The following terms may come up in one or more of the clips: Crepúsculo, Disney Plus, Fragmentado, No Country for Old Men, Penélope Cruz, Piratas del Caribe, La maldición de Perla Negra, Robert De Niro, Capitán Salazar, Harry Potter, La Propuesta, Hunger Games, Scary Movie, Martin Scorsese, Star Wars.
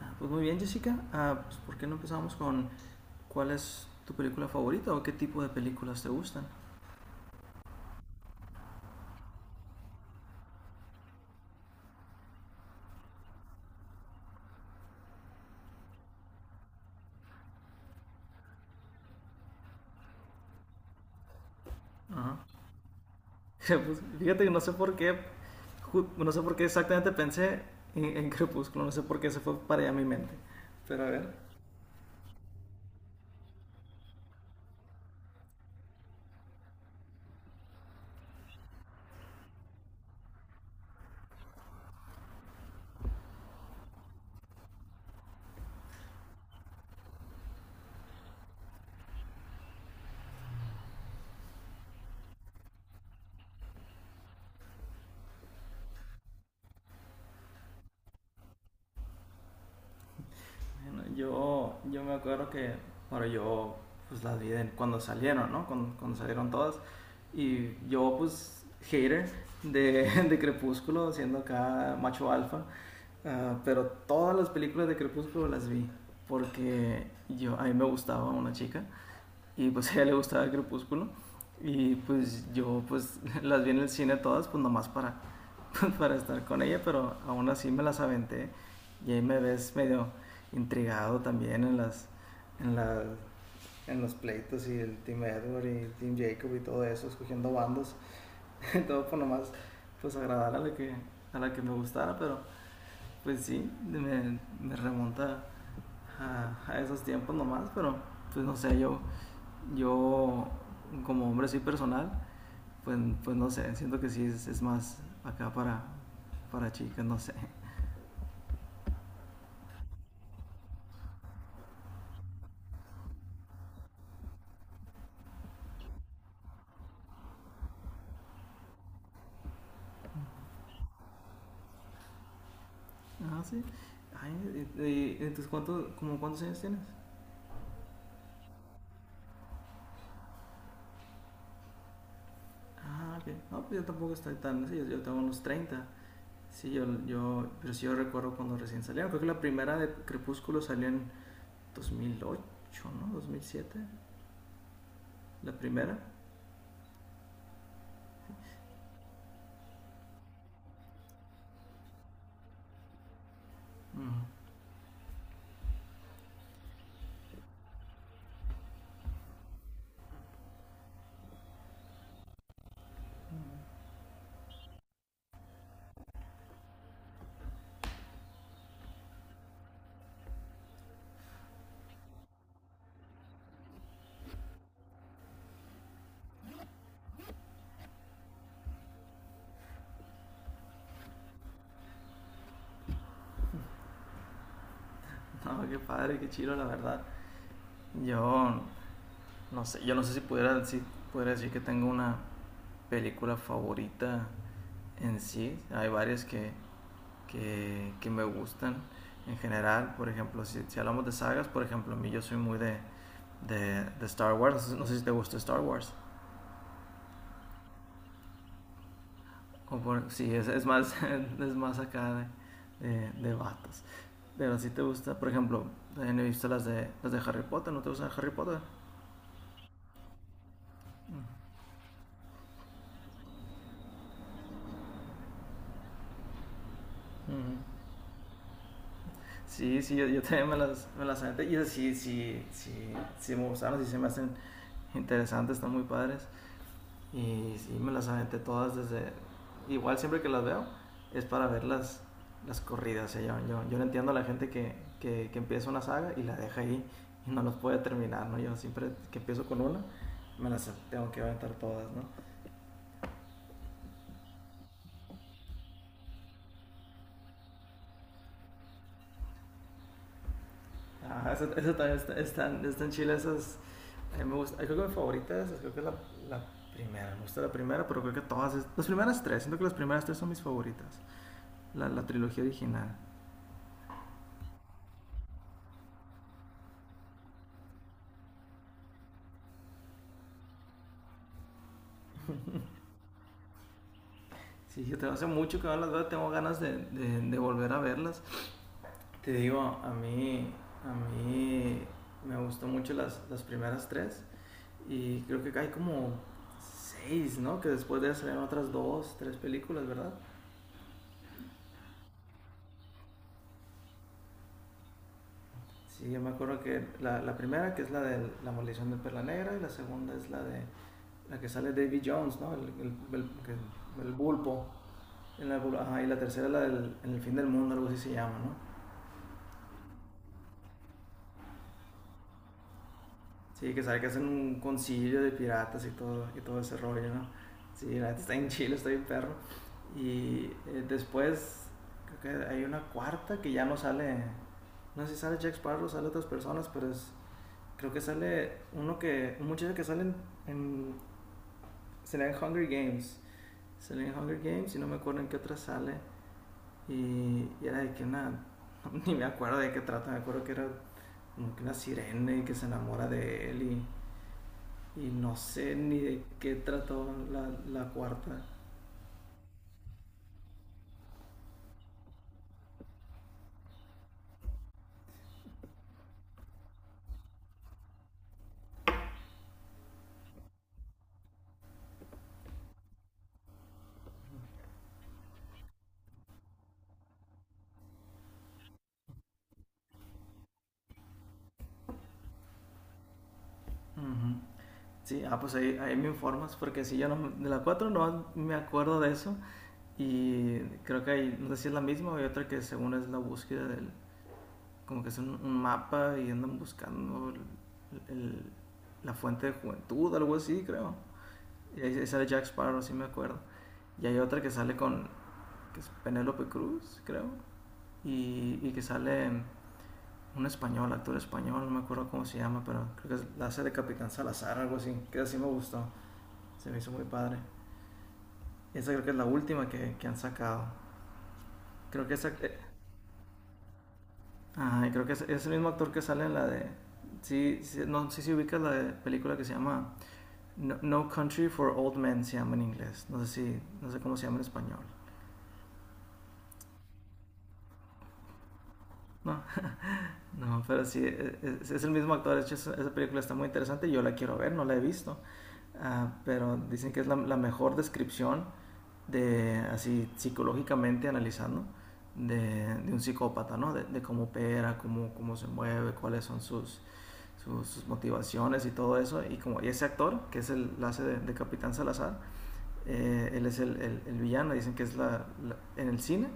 Ah, pues muy bien, Jessica. Ah, pues, ¿por qué no empezamos con cuál es tu película favorita o qué tipo de películas te gustan? Ajá. Pues, fíjate que no sé por qué, no sé por qué exactamente pensé en Crepúsculo, no sé por qué se fue para allá mi mente. Pero a ver. Bueno, yo me acuerdo que, bueno, yo pues las vi cuando salieron, ¿no? Cuando salieron todas. Y yo pues hater de, de Crepúsculo, siendo acá macho alfa. Ah, pero todas las películas de Crepúsculo las vi porque a mí me gustaba una chica y pues a ella le gustaba el Crepúsculo. Y pues yo pues las vi en el cine todas, pues nomás para, para estar con ella, pero aún así me las aventé. Y ahí me ves medio intrigado también en las en la, en los pleitos y el Team Edward y el Team Jacob y todo eso, escogiendo bandos, todo por nomás pues agradar a la que me gustara, pero pues sí, me remonta esos tiempos nomás, pero pues no sé, yo como hombre soy personal, pues, pues, no sé, siento que sí es, más acá para chicas, no sé. Ah, sí. Ay, y entonces, como cuántos años tienes? Ah, ok. No, pues yo tampoco estoy tan, sí, yo tengo unos 30. Sí, pero sí yo recuerdo cuando recién salieron. Creo que la primera de Crepúsculo salió en 2008, ¿no? 2007. La primera. No, qué padre, qué chido, la verdad. Yo yo no sé si pudiera decir que tengo una película favorita en sí. Hay varias que me gustan en general. Por ejemplo, si, si, hablamos de sagas, por ejemplo, a mí yo soy muy de, Star Wars. No sé si te gusta Star Wars. Sí, es más acá de, vatos. Pero si te gusta, por ejemplo, he visto las de Harry Potter. ¿No te gusta Harry Potter? Uh -huh. Sí, sí, también me las aventé. Y sí, sí, sí, sí me gustaron, sí se me hacen interesantes, están muy padres. Y sí, me las aventé todas desde. Igual siempre que las veo, es para ver las corridas. O sea, yo no entiendo a la gente que empieza una saga y la deja ahí y no los puede terminar, ¿no? Yo siempre que empiezo con una, me las tengo que aventar todas, ¿no? Ah, eso también están chilas esas. A mí me gusta, creo que mi favorita creo que es la primera, me gusta la primera, pero creo que todas, las primeras tres, siento que las primeras tres son mis favoritas, la trilogía original. Sí, yo tengo hace mucho que no las veo, tengo ganas de, volver a verlas. Te digo, a mí me gustó mucho las primeras tres y creo que hay como seis, ¿no? Que después de eso salieron otras dos, tres películas, ¿verdad? Sí, yo me acuerdo que la, primera, que es la de La Maldición de Perla Negra, y la segunda es la que sale David Jones, ¿no? El bulpo. Ajá, y la tercera es la del en el fin del mundo, algo así se llama, ¿no? Sí, que sabe que hacen un concilio de piratas y todo ese rollo, ¿no? Sí, la neta está en Chile, está bien perro. Y después creo que hay una cuarta que ya no sale, no sé si sale Jack Sparrow, sale otras personas, pero creo que sale un muchacho que sale en sale en Hunger Games, sale en Hunger Games y no me acuerdo en qué otra sale. Y era de que una, ni me acuerdo de qué trata, me acuerdo que era como que una sirena y que se enamora de él Y no sé ni de qué trató la cuarta. Ujú. Sí, ah, pues ahí me informas, porque si yo no, de la 4 no me acuerdo de eso. Y creo que hay, no sé si es la misma o hay otra que según es la búsqueda del, como que es un mapa y andan buscando la fuente de juventud, algo así, creo. Y ahí sale Jack Sparrow, sí me acuerdo. Y hay otra que sale que es Penélope Cruz, creo. Y que sale un español, actor español, no me acuerdo cómo se llama, pero creo que es la hace de Capitán Salazar, algo así, que así me gustó, se me hizo muy padre. Esa creo que es la última que han sacado. Creo que ajá, y creo que es el mismo actor que sale en sí, sí, no sé si ubicas película que se llama No Country for Old Men, se llama en inglés, no sé cómo se llama en español, ¿no? No, pero sí, es el mismo actor. De hecho, esa película está muy interesante. Y yo la quiero ver, no la he visto. Ah, pero dicen que es la mejor descripción así psicológicamente analizando, de, un psicópata, ¿no? De cómo opera, cómo se mueve, cuáles son sus motivaciones y todo eso. Y ese actor, que es la hace de, Capitán Salazar, él es villano, dicen que es la, la en el cine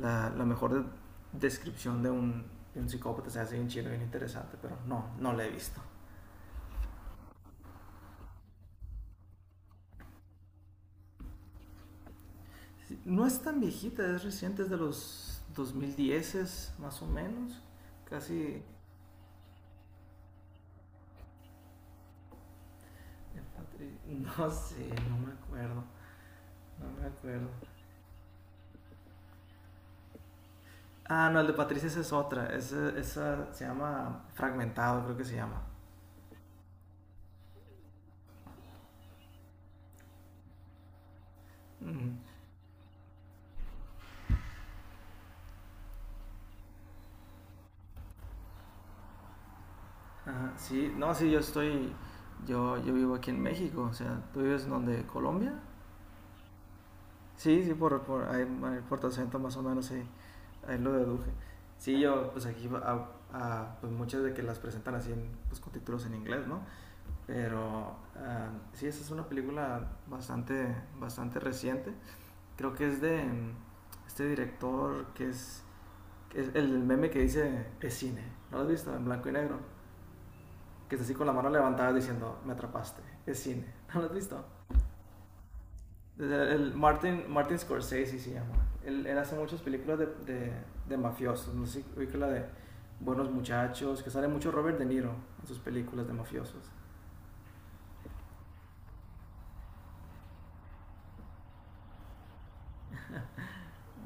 la mejor descripción de un psicópata. O se hace bien chido, bien interesante, pero no, no la he visto. Sí, no es tan viejita, es reciente, es de los 2010 más o menos. Casi. No sé, no me acuerdo. No me acuerdo. Ah, no, el de Patricia esa es otra. Esa se llama Fragmentado, creo que se llama. Uh -huh. Ajá, sí, no, sí, yo vivo aquí en México, o sea, ¿tú vives en donde? ¿Colombia? Sí, sí, ahí por tu acento más o menos, sí, ahí lo deduje. Sí, yo, pues aquí, pues muchas de que las presentan así, pues con títulos en inglés, ¿no? Pero ah, sí, esa es una película bastante, bastante reciente. Creo que es de este director que es el meme que dice es cine, ¿no lo has visto? En blanco y negro. Que está así con la mano levantada diciendo, me atrapaste. Es cine. ¿No lo has visto? El Martin, Scorsese se llama. Él hace muchas películas de mafiosos. No sé, oí que la de Buenos Muchachos, que sale mucho Robert De Niro en sus películas de mafiosos.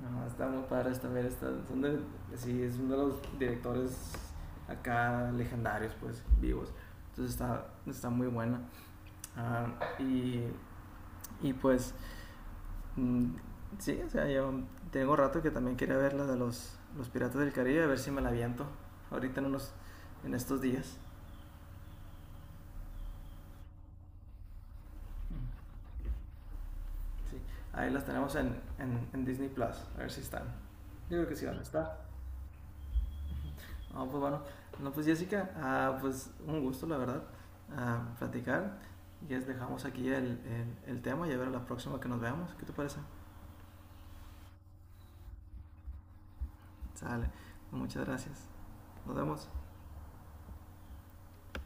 No, está muy padres también. Sí, es uno de los directores acá legendarios, pues, vivos. Entonces está muy buena. Ah, y, y pues Mm, sí, o sea, yo tengo rato que también quería ver la de los Piratas del Caribe, a ver si me la aviento ahorita en estos días. Sí, ahí las tenemos en Disney Plus, a ver si están. Yo creo que sí van a estar. No, pues bueno, no, pues Jessica, ah, pues un gusto, la verdad, ah, platicar. Y es dejamos aquí el tema y a ver a la próxima que nos veamos. ¿Qué te parece? Sale. Muchas gracias. Nos vemos.